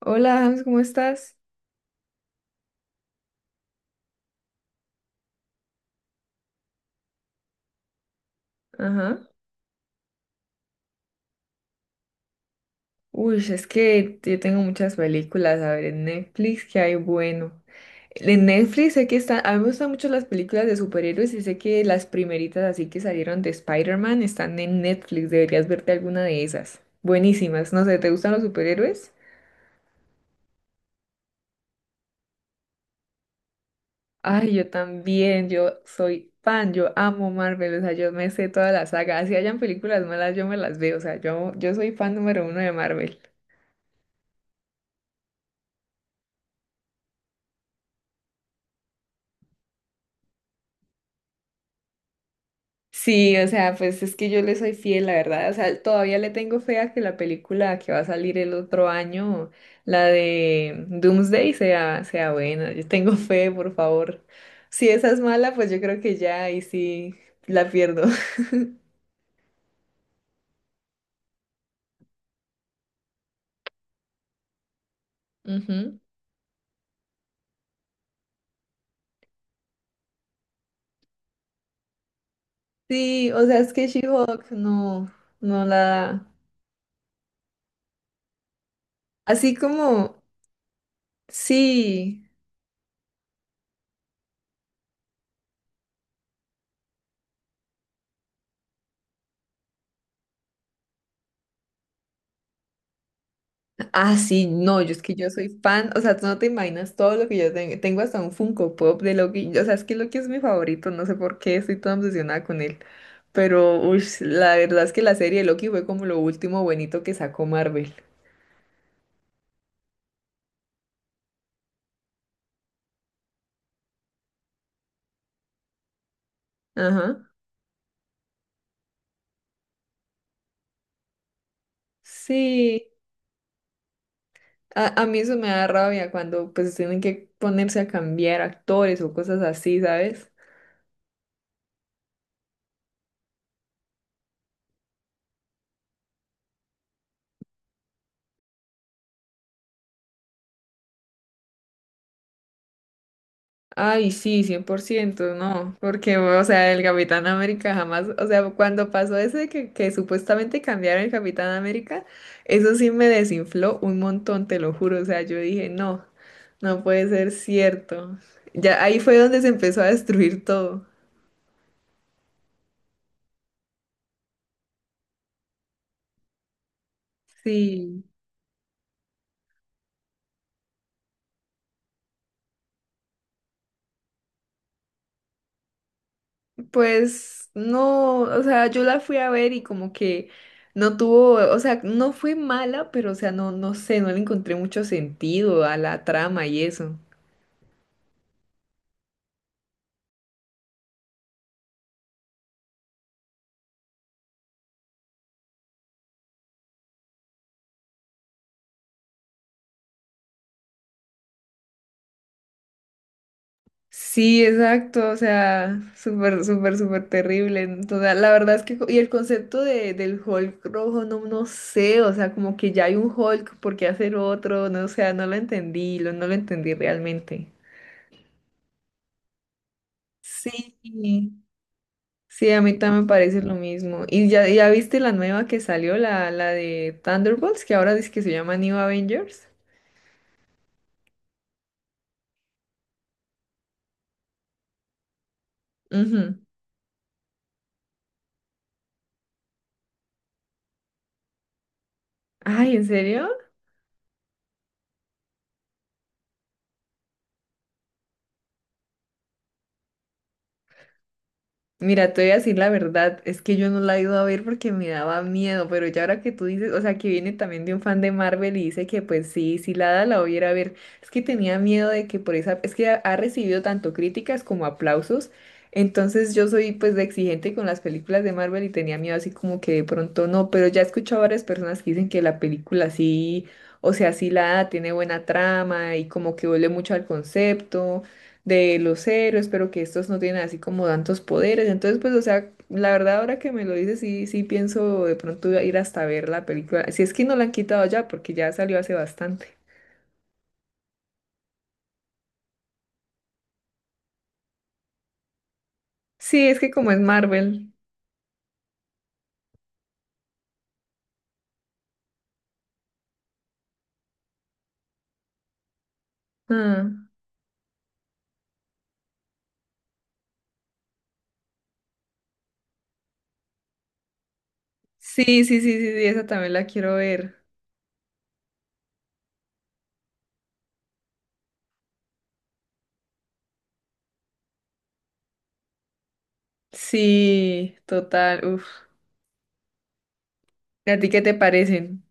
Hola, Hans, ¿cómo estás? Ajá. Uy, es que yo tengo muchas películas, a ver, en Netflix, ¿qué hay bueno? En Netflix sé que están, a mí me gustan mucho las películas de superhéroes y sé que las primeritas así que salieron de Spider-Man están en Netflix, deberías verte alguna de esas. Buenísimas, no sé, ¿te gustan los superhéroes? Ay, yo también, yo soy fan, yo amo Marvel, o sea, yo me sé toda la saga, así hayan películas malas, yo me las veo, o sea, yo soy fan número uno de Marvel. Sí, o sea, pues es que yo le soy fiel, la verdad. O sea, todavía le tengo fe a que la película que va a salir el otro año, la de Doomsday, sea buena. Yo tengo fe, por favor. Si esa es mala, pues yo creo que ya ahí sí la pierdo. Ujú. Sí, o sea, es que She-Hulk no, no la da. Así como, sí. Ah, sí, no, yo es que yo soy fan, o sea, tú no te imaginas todo lo que yo tengo hasta un Funko Pop de Loki, o sea, es que Loki es mi favorito, no sé por qué estoy tan obsesionada con él, pero uy, la verdad es que la serie de Loki fue como lo último bonito que sacó Marvel. Ajá. Sí, a mí eso me da rabia cuando pues tienen que ponerse a cambiar actores o cosas así, ¿sabes? Ay, sí, 100%, no, porque, o sea, el Capitán América jamás, o sea, cuando pasó ese que supuestamente cambiaron el Capitán América, eso sí me desinfló un montón, te lo juro, o sea, yo dije, no, no puede ser cierto. Ya ahí fue donde se empezó a destruir todo. Sí, pues no, o sea, yo la fui a ver y como que no tuvo, o sea, no fue mala, pero, o sea, no, no sé, no le encontré mucho sentido a la trama y eso. Sí, exacto, o sea, súper, súper, súper terrible. Entonces, la verdad es que, y el concepto de, del Hulk rojo, no, no sé, o sea, como que ya hay un Hulk, ¿por qué hacer otro? No, o sea, no lo entendí, no lo entendí realmente. Sí, sí, a mí también me parece lo mismo. ¿Y ya, ya viste la nueva que salió, la de Thunderbolts, que ahora dice que se llama New Avengers? Ujú. Ay, ¿en serio? Mira, te voy a decir la verdad, es que yo no la he ido a ver porque me daba miedo, pero ya ahora que tú dices, o sea, que viene también de un fan de Marvel y dice que pues sí, si la da la voy a ir a ver, es que tenía miedo de que por esa, es que ha recibido tanto críticas como aplausos, entonces yo soy pues de exigente con las películas de Marvel y tenía miedo así como que de pronto no, pero ya he escuchado a varias personas que dicen que la película sí, o sea, sí la da, tiene buena trama y como que vuelve mucho al concepto de los héroes pero que estos no tienen así como tantos poderes. Entonces, pues, o sea, la verdad ahora que me lo dices, sí, sí pienso de pronto ir hasta ver la película. Si es que no la han quitado ya, porque ya salió hace bastante. Sí, es que como es Marvel. Ah, sí, sí, sí, sí, sí, esa también la quiero ver. Sí, total, uf. ¿Y a ti qué te parecen?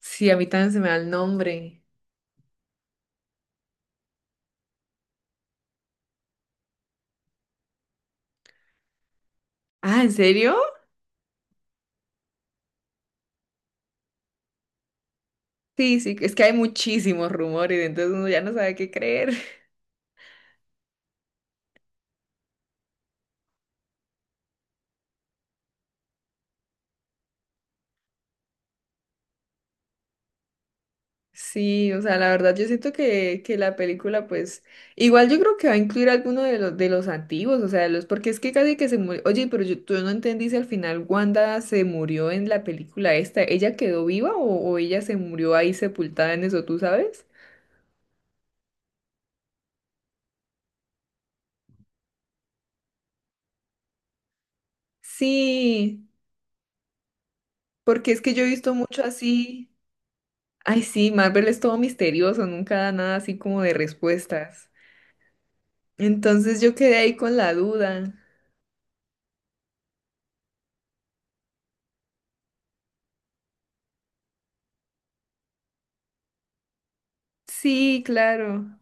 Sí, a mí también se me da el nombre. Ah, ¿en serio? Sí, sí, es que hay muchísimos rumores, entonces uno ya no sabe qué creer. Sí, o sea, la verdad yo siento que la película, pues, igual yo creo que va a incluir alguno de los antiguos, o sea, los, porque es que casi que se murió, oye, pero yo, tú no entendí si al final Wanda se murió en la película esta, ¿ella quedó viva o ella se murió ahí sepultada en eso, tú sabes? Sí, porque es que yo he visto mucho así, ay sí, Marvel es todo misterioso, nunca da nada así como de respuestas, entonces yo quedé ahí con la duda, sí, claro,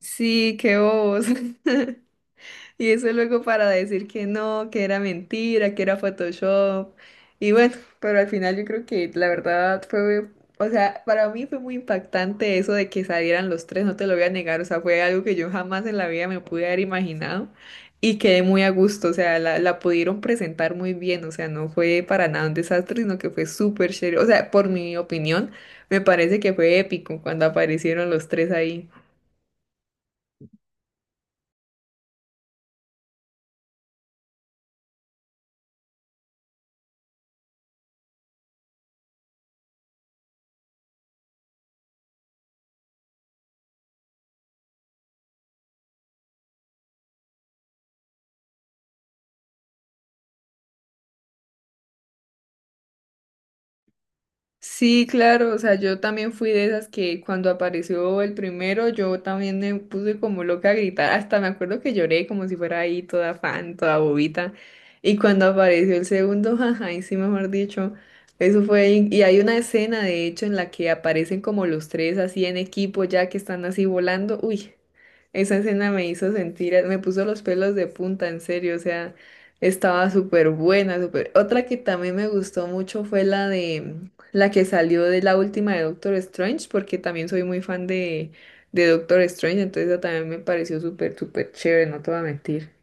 sí, qué bobos. Y eso luego para decir que no, que era mentira, que era Photoshop. Y bueno, pero al final yo creo que la verdad fue, o sea, para mí fue muy impactante eso de que salieran los tres, no te lo voy a negar, o sea, fue algo que yo jamás en la vida me pude haber imaginado y quedé muy a gusto, o sea, la pudieron presentar muy bien, o sea, no fue para nada un desastre, sino que fue súper chévere, o sea, por mi opinión, me parece que fue épico cuando aparecieron los tres ahí. Sí, claro, o sea, yo también fui de esas que cuando apareció el primero, yo también me puse como loca a gritar, hasta me acuerdo que lloré como si fuera ahí toda fan, toda bobita, y cuando apareció el segundo, ajá, y sí, mejor dicho, eso fue, y hay una escena de hecho en la que aparecen como los tres así en equipo ya que están así volando, uy, esa escena me hizo sentir, me puso los pelos de punta, en serio, o sea, estaba súper buena, súper, otra que también me gustó mucho fue la de la que salió de la última de Doctor Strange, porque también soy muy fan de Doctor Strange, entonces esa también me pareció súper, súper chévere, no te voy a mentir.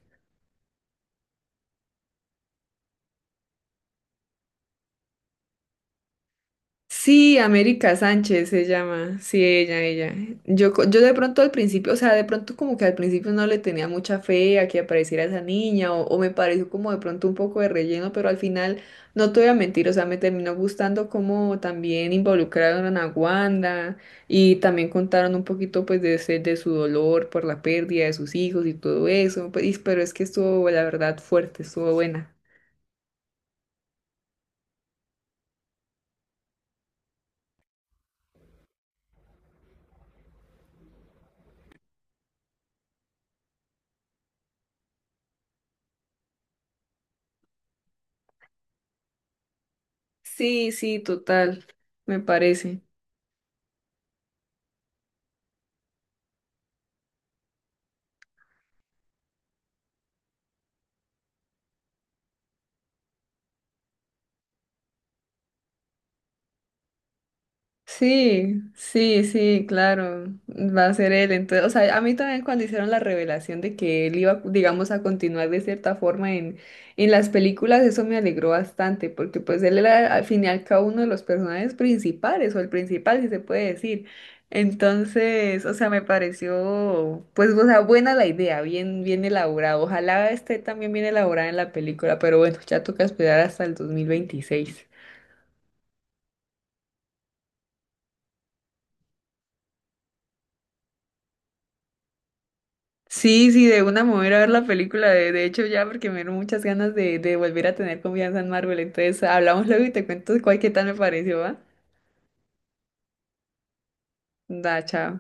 Sí, América Sánchez se llama. Sí, ella, ella. Yo, yo de pronto al principio, o sea, de pronto como que al principio no le tenía mucha fe a que apareciera esa niña o me pareció como de pronto un poco de relleno, pero al final no te voy a mentir, o sea, me terminó gustando como también involucraron a Wanda y también contaron un poquito pues de, de su dolor por la pérdida de sus hijos y todo eso, pues, pero es que estuvo la verdad fuerte, estuvo buena. Sí, sí, total, me parece. Sí, sí, sí, claro, va a ser él. Entonces, o sea, a mí también cuando hicieron la revelación de que él iba, digamos, a continuar de cierta forma en las películas, eso me alegró bastante, porque pues él era al fin y al cabo uno de los personajes principales, o el principal, si se puede decir. Entonces, o sea, me pareció, pues, o sea, buena la idea, bien, bien elaborada. Ojalá esté también bien elaborada en la película, pero bueno, ya toca esperar hasta el 2026. Sí, sí, de una mover a ver la película, de hecho ya, porque me dieron muchas ganas de volver a tener confianza en Marvel. Entonces, hablamos luego y te cuento cuál qué tal me pareció, ¿va? Da, chao.